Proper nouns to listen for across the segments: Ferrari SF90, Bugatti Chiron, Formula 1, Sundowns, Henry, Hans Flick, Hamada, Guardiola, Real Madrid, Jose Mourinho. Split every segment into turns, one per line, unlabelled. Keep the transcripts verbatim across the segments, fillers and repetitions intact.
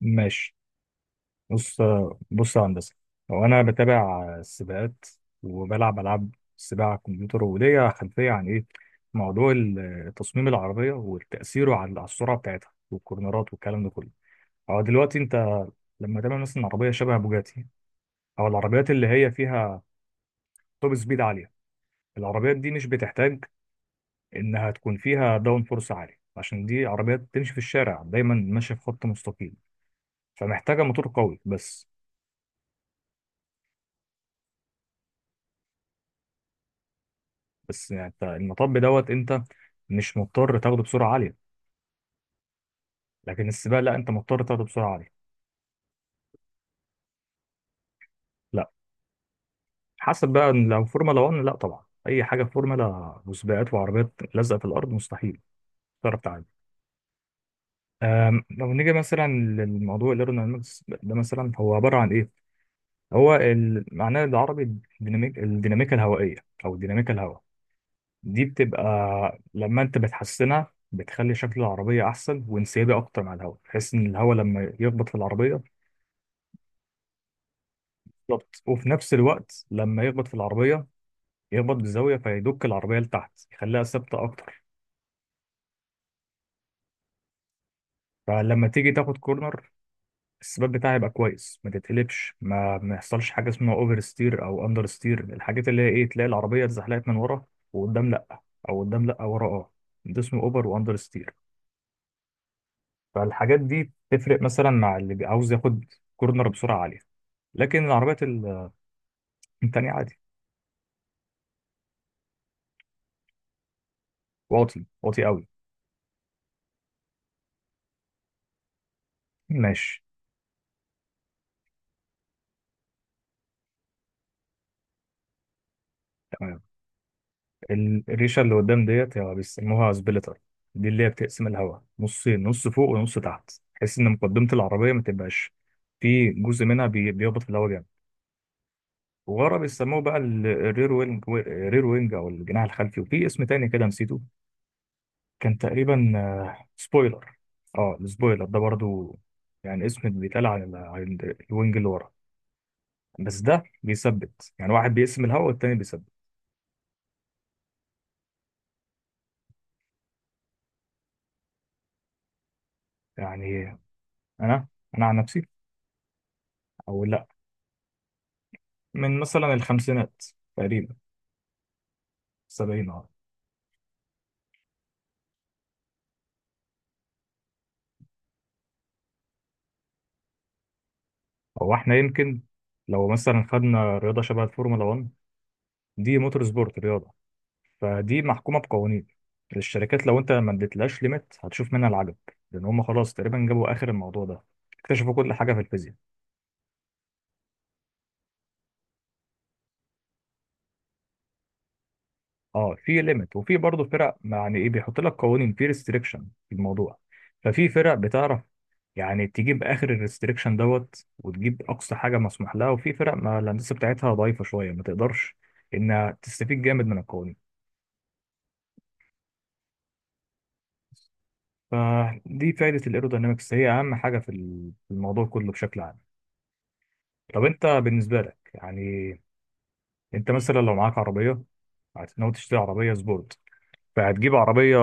ماشي. بص، بص يا هندسة. هو أنا بتابع السباقات وبلعب ألعاب السباق على الكمبيوتر، وليا خلفية عن إيه موضوع ال- تصميم العربية وتأثيره على على السرعة بتاعتها والكورنرات والكلام ده كله. هو دلوقتي أنت لما تعمل مثلا عربية شبه بوجاتي، أو العربيات اللي هي فيها توب سبيد عالية، العربيات دي مش بتحتاج إنها تكون فيها داون فورس عالي، عشان دي عربيات بتمشي في الشارع دايما ماشية في خط مستقيم، فمحتاجة موتور قوي بس. بس يعني انت المطب دوت، انت مش مضطر تاخده بسرعه عاليه. لكن السباق لا، انت مضطر تاخده بسرعه عاليه. لا حسب بقى، لو فورمولا واحد لا طبعا، اي حاجه في فورمولا وسباقات وعربيات لازقه في الارض مستحيل تعرف تعدي. أم، لو نيجي مثلا للموضوع الايرودينامكس ده، مثلا هو عباره عن ايه؟ هو ال- معناه العربي الديناميك الديناميكا الهوائيه، او الديناميكا الهواء. دي بتبقى لما انت بتحسنها بتخلي شكل العربيه احسن وانسيابي اكتر مع الهواء، بحيث ان الهواء لما يخبط في العربيه بالظبط، وفي نفس الوقت لما يخبط في العربية يخبط بزاوية فيدك العربية لتحت يخليها ثابتة أكتر. فلما تيجي تاخد كورنر، الثبات بتاعها يبقى كويس، ما تتقلبش، ما ما يحصلش حاجة اسمها أوفر ستير أو أندر ستير. الحاجات اللي هي إيه، تلاقي العربية اتزحلقت من ورا وقدام لأ، أو قدام لأ ورا أه، ده اسمه أوفر وأندر ستير. فالحاجات دي تفرق مثلا مع اللي بي- عاوز ياخد كورنر بسرعة عالية. لكن العربيات ال- التانية عادي. واطي واطي قوي. ماشي. الريشه اللي قدام ديت يعني بيسموها سبليتر، دي اللي هي بتقسم الهواء نصين، نص فوق ونص تحت، بحيث ان مقدمه العربيه ما تبقاش في جزء منها بي- بيهبط في الهواء جامد. وورا بيسموه بقى ال- الرير وينج، الرير وينج او الجناح الخلفي. وفي اسم تاني كده نسيته، كان تقريبا آه، سبويلر. اه، السبويلر ده برضو يعني اسم بيتقال على ال- على ال- الوينج اللي ورا، بس ده بيثبت. يعني واحد بيقسم الهواء والتاني بيثبت. يعني انا انا عن نفسي، او لا، من مثلا الخمسينات تقريبا. السبعين، اه. هو احنا يمكن لو مثلا خدنا رياضة شبه الفورمولا واحد، دي موتور سبورت، رياضة، فدي محكومة بقوانين. الشركات لو انت ما اديتلهاش ليميت هتشوف منها العجب، لان هم خلاص تقريبا جابوا اخر الموضوع ده، اكتشفوا كل حاجة في الفيزياء. اه، في ليميت وفي برضه فرق، يعني ايه، بيحط لك قوانين، في ريستريكشن في الموضوع. ففي فرق، بتعرف يعني تجيب اخر الريستريكشن دوت وتجيب اقصى حاجه مسموح لها، وفي فرق ما الهندسه بتاعتها ضعيفه شويه، ما تقدرش انها تستفيد جامد من القوانين. فدي فائده الايروداينامكس، هي اهم حاجه في ال- في الموضوع كله بشكل عام. طب انت بالنسبه لك يعني، انت مثلا لو معاك عربيه هتنوي تشتري عربيه سبورت، فهتجيب عربيه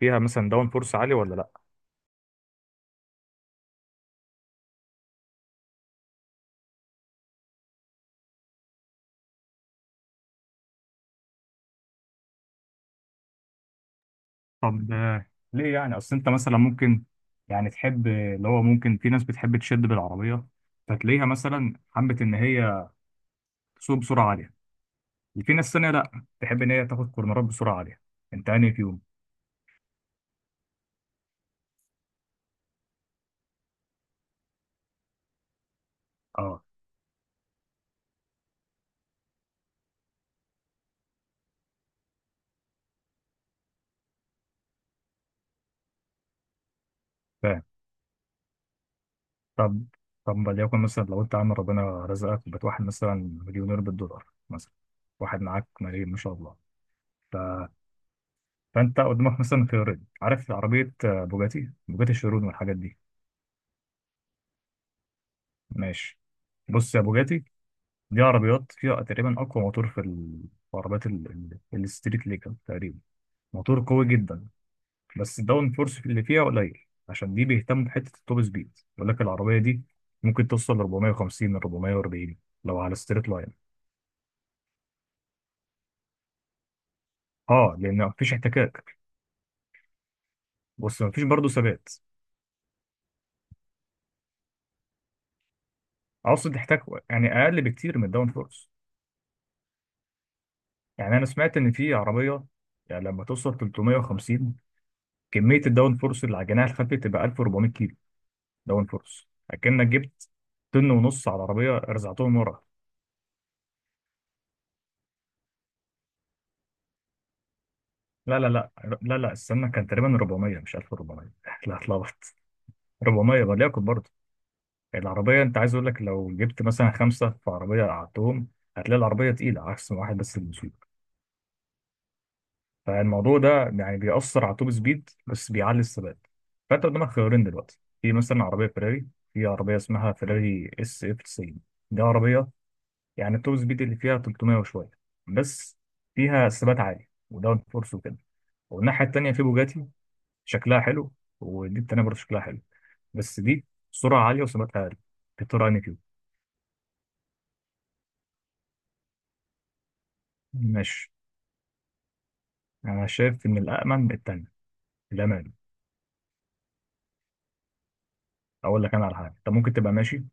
فيها مثلا داون فورس عالي ولا لا؟ طب آه، ليه يعني؟ اصل انت مثلا ممكن يعني تحب آه، اللي هو ممكن، في ناس بتحب تشد بالعربيه، فتلاقيها مثلا حبت ان هي تسوق بسرعه عاليه، وفي ناس ثانيه لا، تحب ان هي تاخد كورنرات بسرعه عاليه. انت انهي فيهم؟ اه، فاهم. طب، طب وليكن مثلا لو انت عامل ربنا رزقك وبقيت واحد مثلا مليونير بالدولار مثلا، واحد معاك ملايين ما شاء الله. ف... فانت قدامك مثلا خيارين، عارف عربيه آه، بوجاتي، بوجاتي الشيرون والحاجات دي. ماشي. بص يا بوجاتي، دي عربيات فيها تقريبا أقوى موتور في ال- في عربيات ال- ال- الستريت ليجل تقريبا، موتور قوي جدا، بس الداون فورس اللي فيها قليل، عشان دي بيهتم بحتة التوب سبيد. يقول لك العربية دي ممكن توصل ل اربعمية وخمسين ل اربعمية وأربعين، لو على ستريت لاين، اه، لأن مفيش احتكاك. بص، مفيش برضه ثبات. أقصد احتكاك يعني أقل بكتير من الداون فورس. يعني أنا سمعت إن في عربية يعني لما توصل تلتمية وخمسين كمية الداون فورس اللي على الجناح الخلفي تبقى ألف وأربعمائة كيلو. داون فورس، اكنك جبت طن ونص على العربيه رزعتهم ورا. لا لا لا لا لا، استنى، كان تقريبا أربعمية مش ألف وأربعمية لا، اتلخبط. أربعمية وليكن برضه، العربيه، انت عايز اقول لك لو جبت مثلا خمسه في عربيه قعدتهم، هتلاقي العربيه تقيله عكس ما واحد بس اللي بيسوق. فالموضوع ده يعني بيأثر على التوب سبيد بس بيعلي الثبات. فانت قدامك خيارين دلوقتي، في مثلا عربيه فيراري، في عربيه اسمها فيراري اس اف تسعين، دي عربيه يعني التوب سبيد اللي فيها تلتمية وشويه بس، فيها ثبات عالي وداون فورس وكده. والناحيه التانيه في بوجاتي، شكلها حلو، ودي التانيه برضه شكلها حلو، بس دي سرعه عاليه وثباتها عالي في طور اني كيو. ماشي. انا شايف ان الامن التانيه الامان. اقول لك انا على حاجه، انت ممكن تبقى ماشي،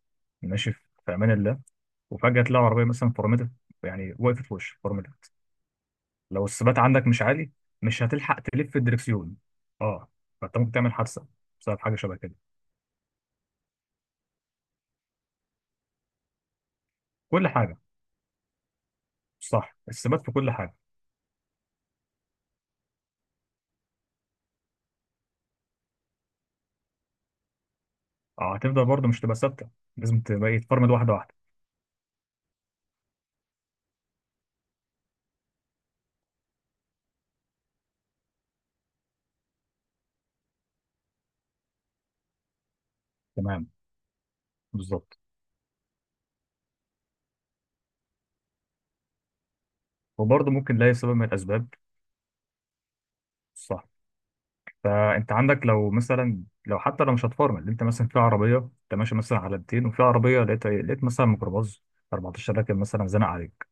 ماشي في في امان الله، وفجاه تلاقي عربيه مثلا فرمتت، يعني وقفت في وشك فرمتت، لو الثبات عندك مش عالي مش هتلحق تلف الدركسيون. اه، فانت ممكن تعمل حادثه بسبب حاجه شبه كده. كل حاجه، صح، الثبات في كل حاجه. اه، هتفضل برضه مش تبقى ثابته، لازم تبقى إيه، تفرمد واحده واحده. تمام، بالظبط. وبرضه ممكن لاقي سبب من الاسباب. صح. فانت عندك لو مثلا، لو حتى لو مش هتفرمد، انت مثلا في عربيه، انت ماشي مثلا على مائتين، وفي عربيه لقيت إيه؟ لقيت مثلا ميكروباص أربعة عشر راكب مثلا زنق عليك،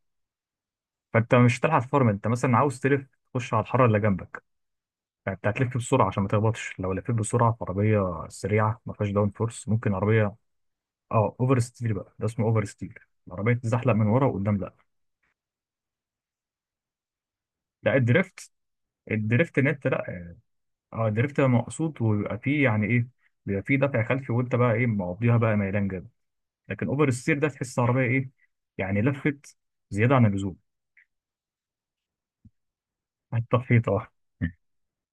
فانت مش هتلحق تفرمد، انت مثلا عاوز تلف تخش على الحاره اللي جنبك، فانت هتلف بسرعه عشان ما تخبطش. لو لفيت بسرعه في عربيه سريعه ما فيهاش داون فورس، ممكن عربيه، اه، اوفر ستير بقى، ده اسمه اوفر ستير، العربيه تتزحلق من ورا وقدام. لا الدريفت، الدريفت ان انت لا، اه، الدريفت بيبقى مقصود وبيبقى فيه يعني ايه، بيبقى فيه دفع خلفي، وانت بقى ايه مقضيها بقى ميلان جامد. لكن اوفر السير ده تحس عربيه ايه، يعني لفت زياده عن اللزوم. التفحيط، اه.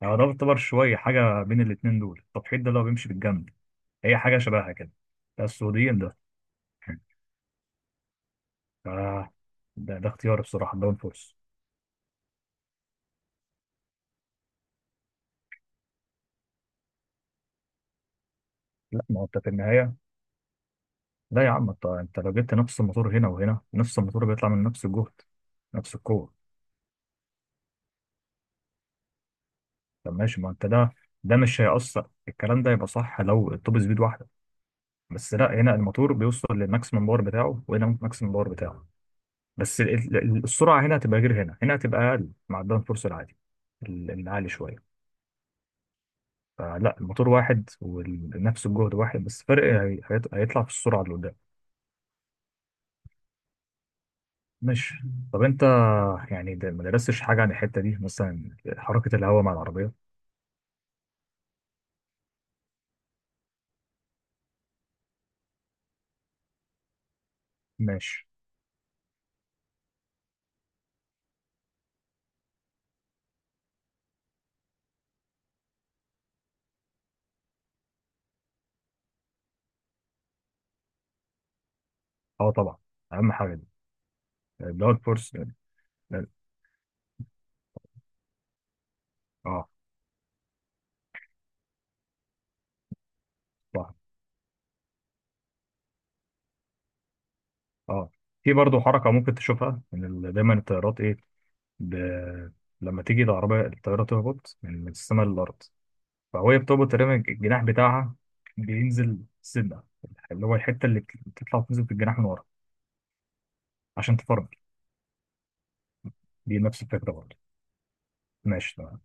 اه، ده يعتبر شويه حاجه بين الاتنين دول، التفحيط ده اللي هو بيمشي بالجنب، هي حاجه شبهها كده. ده السعوديين ده. آه. ده، ده اختياري بصراحه، الداون فورس. لا ما هو انت في النهايه، لا يا عم، انت انت لو جبت نفس الموتور هنا وهنا، نفس الموتور بيطلع من نفس الجهد، نفس القوه. طب ماشي، ما انت ده، ده مش هيأثر الكلام ده، يبقى صح لو التوب سبيد واحده بس. لا، هنا الموتور بيوصل للماكسيمم باور بتاعه، وهنا الماكسيمم باور بتاعه، بس ال- ال- ال- السرعه هنا هتبقى غير هنا، هنا هتبقى اقل مع الداون فورس العادي ال- العالي شويه. فلا، الموتور واحد ونفس الجهد واحد، بس فرق هي- هيط- هيطلع في السرعه اللي قدام. ماشي. طب انت يعني ده ما درستش حاجه عن الحته دي، مثلا حركه الهواء مع العربيه. ماشي. اه، طبعا، اهم حاجه دي الداون فورس. اه. اه، في برضه حركة ممكن تشوفها من ال- دايما الطيارات ايه، ب... لما تيجي العربية الطيارة تهبط من من السماء للأرض، فهي بتهبط تقريبا الجناح بتاعها بينزل سنة، اللي هو الحتة اللي بت- بتطلع وتنزل في الجناح من ورا عشان تفرمل. دي نفس الفكرة برضه. ماشي، تمام.